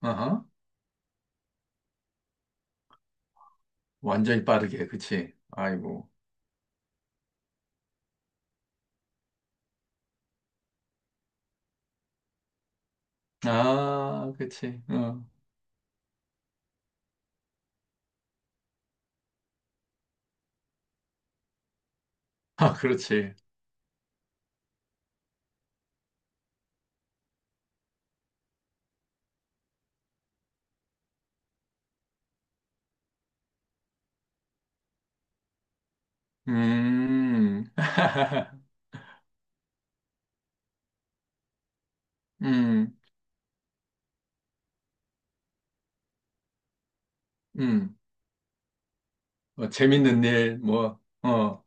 아하. 완전히 빠르게, 그치? 아이고. 아, 그치. 어. 아, 그렇지. 음. 음, 음. 뭐, 재밌는 일, 뭐, 어.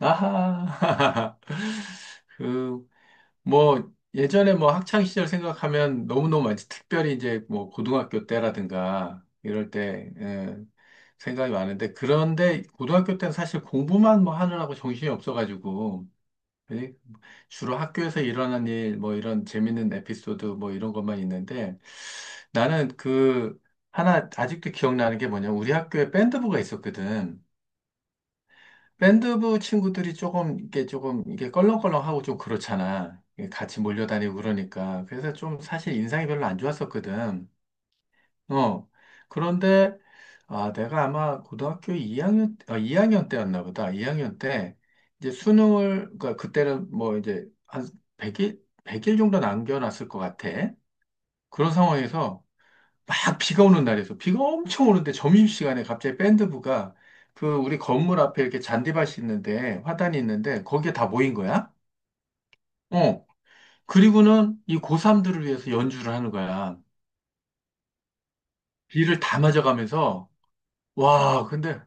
아하. 그, 뭐, 예전에 뭐 학창 시절 생각하면 너무너무 많지. 특별히 이제 뭐 고등학교 때라든가 이럴 때, 예, 생각이 많은데. 그런데 고등학교 때는 사실 공부만 뭐 하느라고 정신이 없어가지고. 예, 주로 학교에서 일어난 일, 뭐 이런 재밌는 에피소드, 뭐 이런 것만 있는데 나는 그 하나 아직도 기억나는 게 뭐냐. 우리 학교에 밴드부가 있었거든. 밴드부 친구들이 조금 이게 껄렁껄렁하고 좀 그렇잖아. 이게 같이 몰려다니고 그러니까. 그래서 좀 사실 인상이 별로 안 좋았었거든. 어. 그런데, 아, 내가 아마 고등학교 2학년, 아, 학년 때였나 보다. 2학년 때, 이제 수능을, 그러니까 그때는 뭐 이제 한 100일, 백일 정도 남겨놨을 것 같아. 그런 상황에서 막 비가 오는 날이었어. 비가 엄청 오는데 점심시간에 갑자기 밴드부가 그 우리 건물 앞에 이렇게 잔디밭이 있는데, 화단이 있는데, 거기에 다 모인 거야. 어. 그리고는 이 고3들을 위해서 연주를 하는 거야. 비를 다 맞아가면서, 와, 근데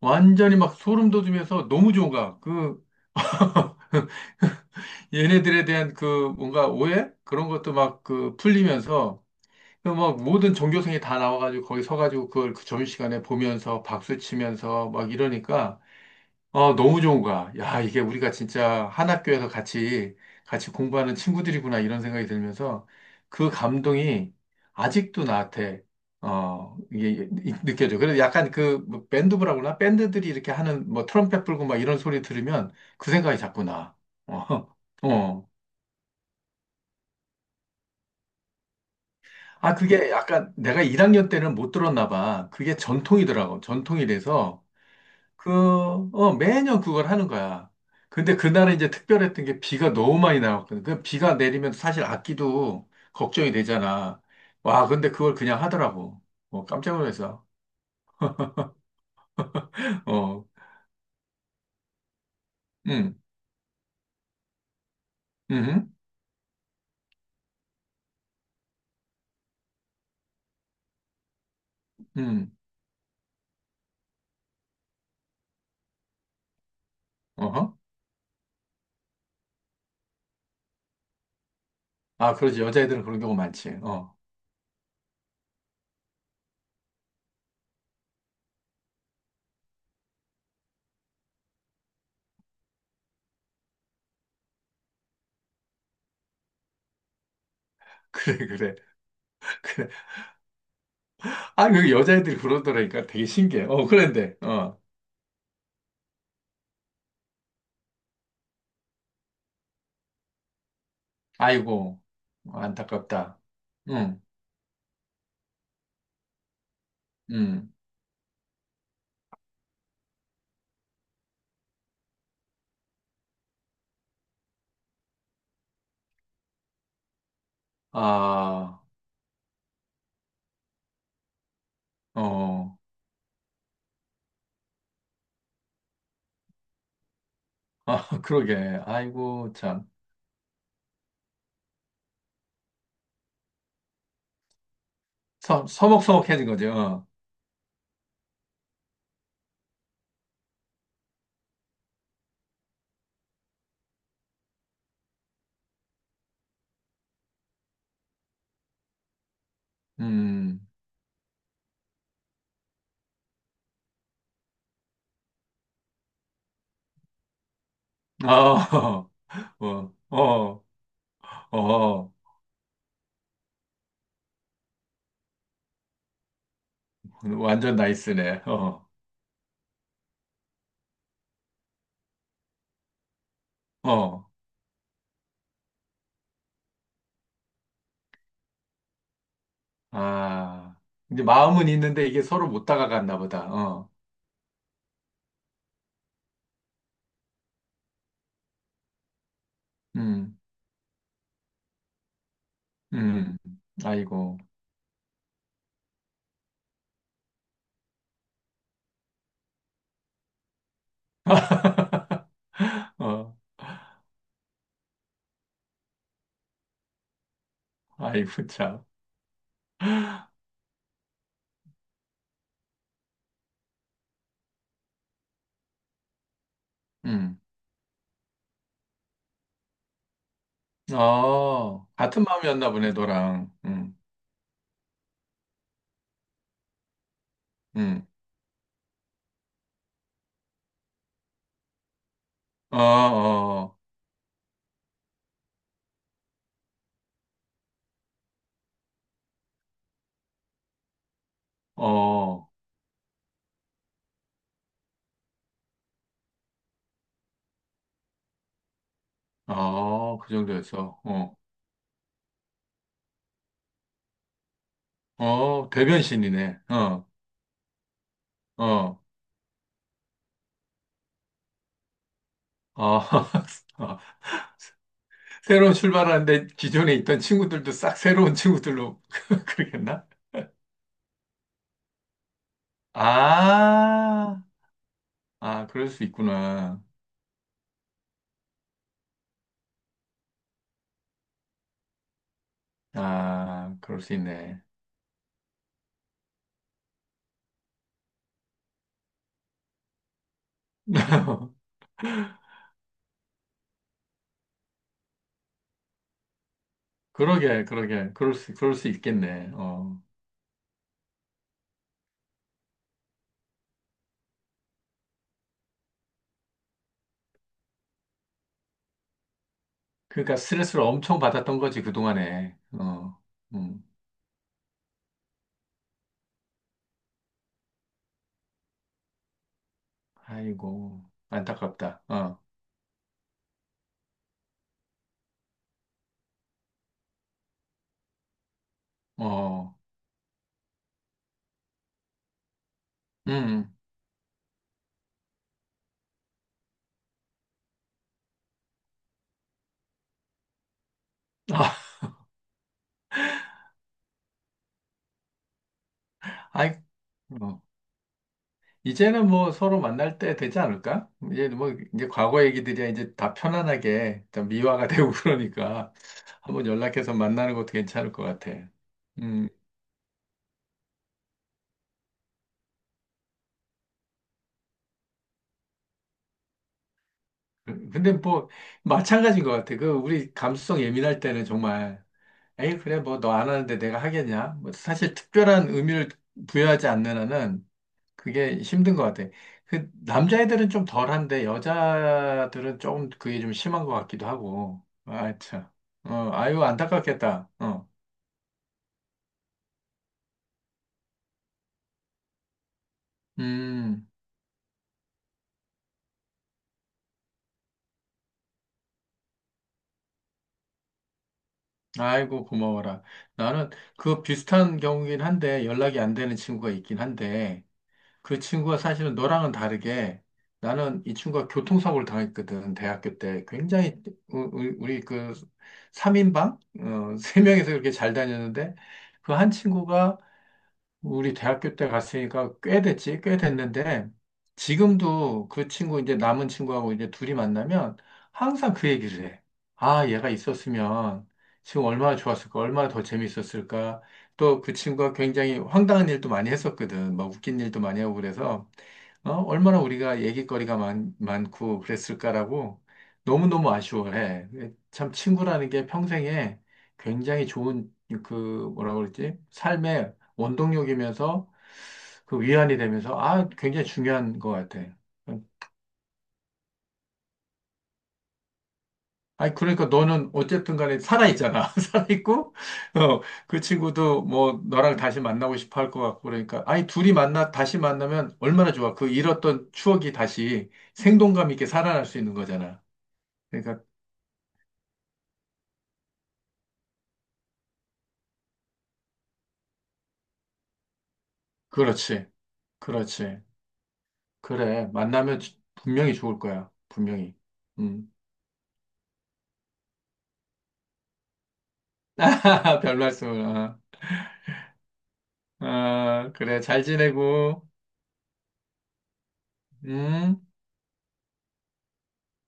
완전히 막 소름 돋으면서 너무 좋은 거야. 그 얘네들에 대한 그 뭔가 오해? 그런 것도 막 그 풀리면서 그막 모든 종교생이 다 나와가지고 거기 서가지고 그걸 그 점심시간에 보면서 박수 치면서 막 이러니까 어, 너무 좋은 거야. 야, 이게 우리가 진짜 한 학교에서 같이, 같이 공부하는 친구들이구나, 이런 생각이 들면서 그 감동이 아직도 나한테, 어, 이게 느껴져. 그래서 약간 그뭐 밴드부라고 그러나? 밴드들이 이렇게 하는 뭐 트럼펫 불고 막 이런 소리 들으면 그 생각이 자꾸 나. 어, 어. 아, 그게 약간 내가 1학년 때는 못 들었나 봐. 그게 전통이더라고. 전통이 돼서. 그, 어, 매년 그걸 하는 거야. 근데 그날은 이제 특별했던 게 비가 너무 많이 나왔거든. 그 비가 내리면 사실 악기도 걱정이 되잖아. 와, 근데 그걸 그냥 하더라고. 어, 깜짝 놀라서. 어, 음, 음, 음, 어허. 아, 그러지. 여자애들은 그런 경우 많지. 어, 그래, 그래, 그래. 아, 그 여자애들이 그러더라니까 되게 신기해. 어, 그런데, 어, 아이고, 안타깝다. 응, 응, 아, 어. 아, 그러게. 아이고, 참. 서, 서먹서먹해진 거죠. 어. 음, 아, 어, 어, 어, 어, 완전 나이스네. 어, 어, 아, 이제 마음은 있는데 이게 서로 못 다가갔나 보다. 어, 음, 음, 아이고, 어, 아이고, 참, 음, 어, 같은 마음이었나 보네, 너랑. 음, 어, 어, 어, 어, 그 정도였어. 어, 어, 대변신이네. 어, 어. 아, 아, 새로운 출발하는데 기존에 있던 친구들도 싹 새로운 친구들로 그러겠나? 아, 아, 그럴 수 있구나. 아, 그럴 수 있네. 그러게, 그러게, 그럴 수 있겠네. 어, 그러니까 스트레스를 엄청 받았던 거지 그동안에. 어, 음, 아이고, 안타깝다. 어, 어, 음, 아, 아이, 어. 이제는 뭐 서로 만날 때 되지 않을까? 이제 뭐 이제 과거 얘기들이야 이제 다 편안하게 다 미화가 되고 그러니까 한번 연락해서 만나는 것도 괜찮을 것 같아. 음, 근데 뭐 마찬가지인 것 같아. 그 우리 감수성 예민할 때는 정말 에이 그래 뭐 너 안 하는데 내가 하겠냐? 뭐 사실 특별한 의미를 부여하지 않는 한은 그게 힘든 것 같아. 그 남자애들은 좀 덜한데 여자들은 조금 그게 좀 심한 것 같기도 하고. 아, 참. 어, 아유, 안타깝겠다. 어. 음, 아이고, 고마워라. 나는 그 비슷한 경우긴 한데 연락이 안 되는 친구가 있긴 한데 그 친구가 사실은 너랑은 다르게 나는 이 친구가 교통사고를 당했거든. 대학교 때 굉장히 우리 그삼인방 어, 세명이서 그렇게 잘 다녔는데 그 한 친구가 우리 대학교 때 갔으니까 꽤 됐지, 꽤 됐는데, 지금도 그 친구, 이제 남은 친구하고 이제 둘이 만나면 항상 그 얘기를 해. 아, 얘가 있었으면 지금 얼마나 좋았을까, 얼마나 더 재밌었을까. 또 그 친구가 굉장히 황당한 일도 많이 했었거든. 막 웃긴 일도 많이 하고 그래서, 어, 얼마나 우리가 얘기거리가 많고 그랬을까라고 너무너무 아쉬워해. 참 친구라는 게 평생에 굉장히 좋은 그 뭐라 그러지? 삶의 원동력이면서 그 위안이 되면서 아 굉장히 중요한 것 같아. 아니 그러니까 너는 어쨌든 간에 살아있잖아. 살아있고 어, 그 친구도 뭐 너랑 다시 만나고 싶어 할 것 같고 그러니까 아니 둘이 만나 다시 만나면 얼마나 좋아. 그 잃었던 추억이 다시 생동감 있게 살아날 수 있는 거잖아. 그러니까 그렇지. 그렇지. 그래. 만나면 분명히 좋을 거야. 분명히. 음. 별 말씀을. 아, 아, 그래. 잘 지내고. 음.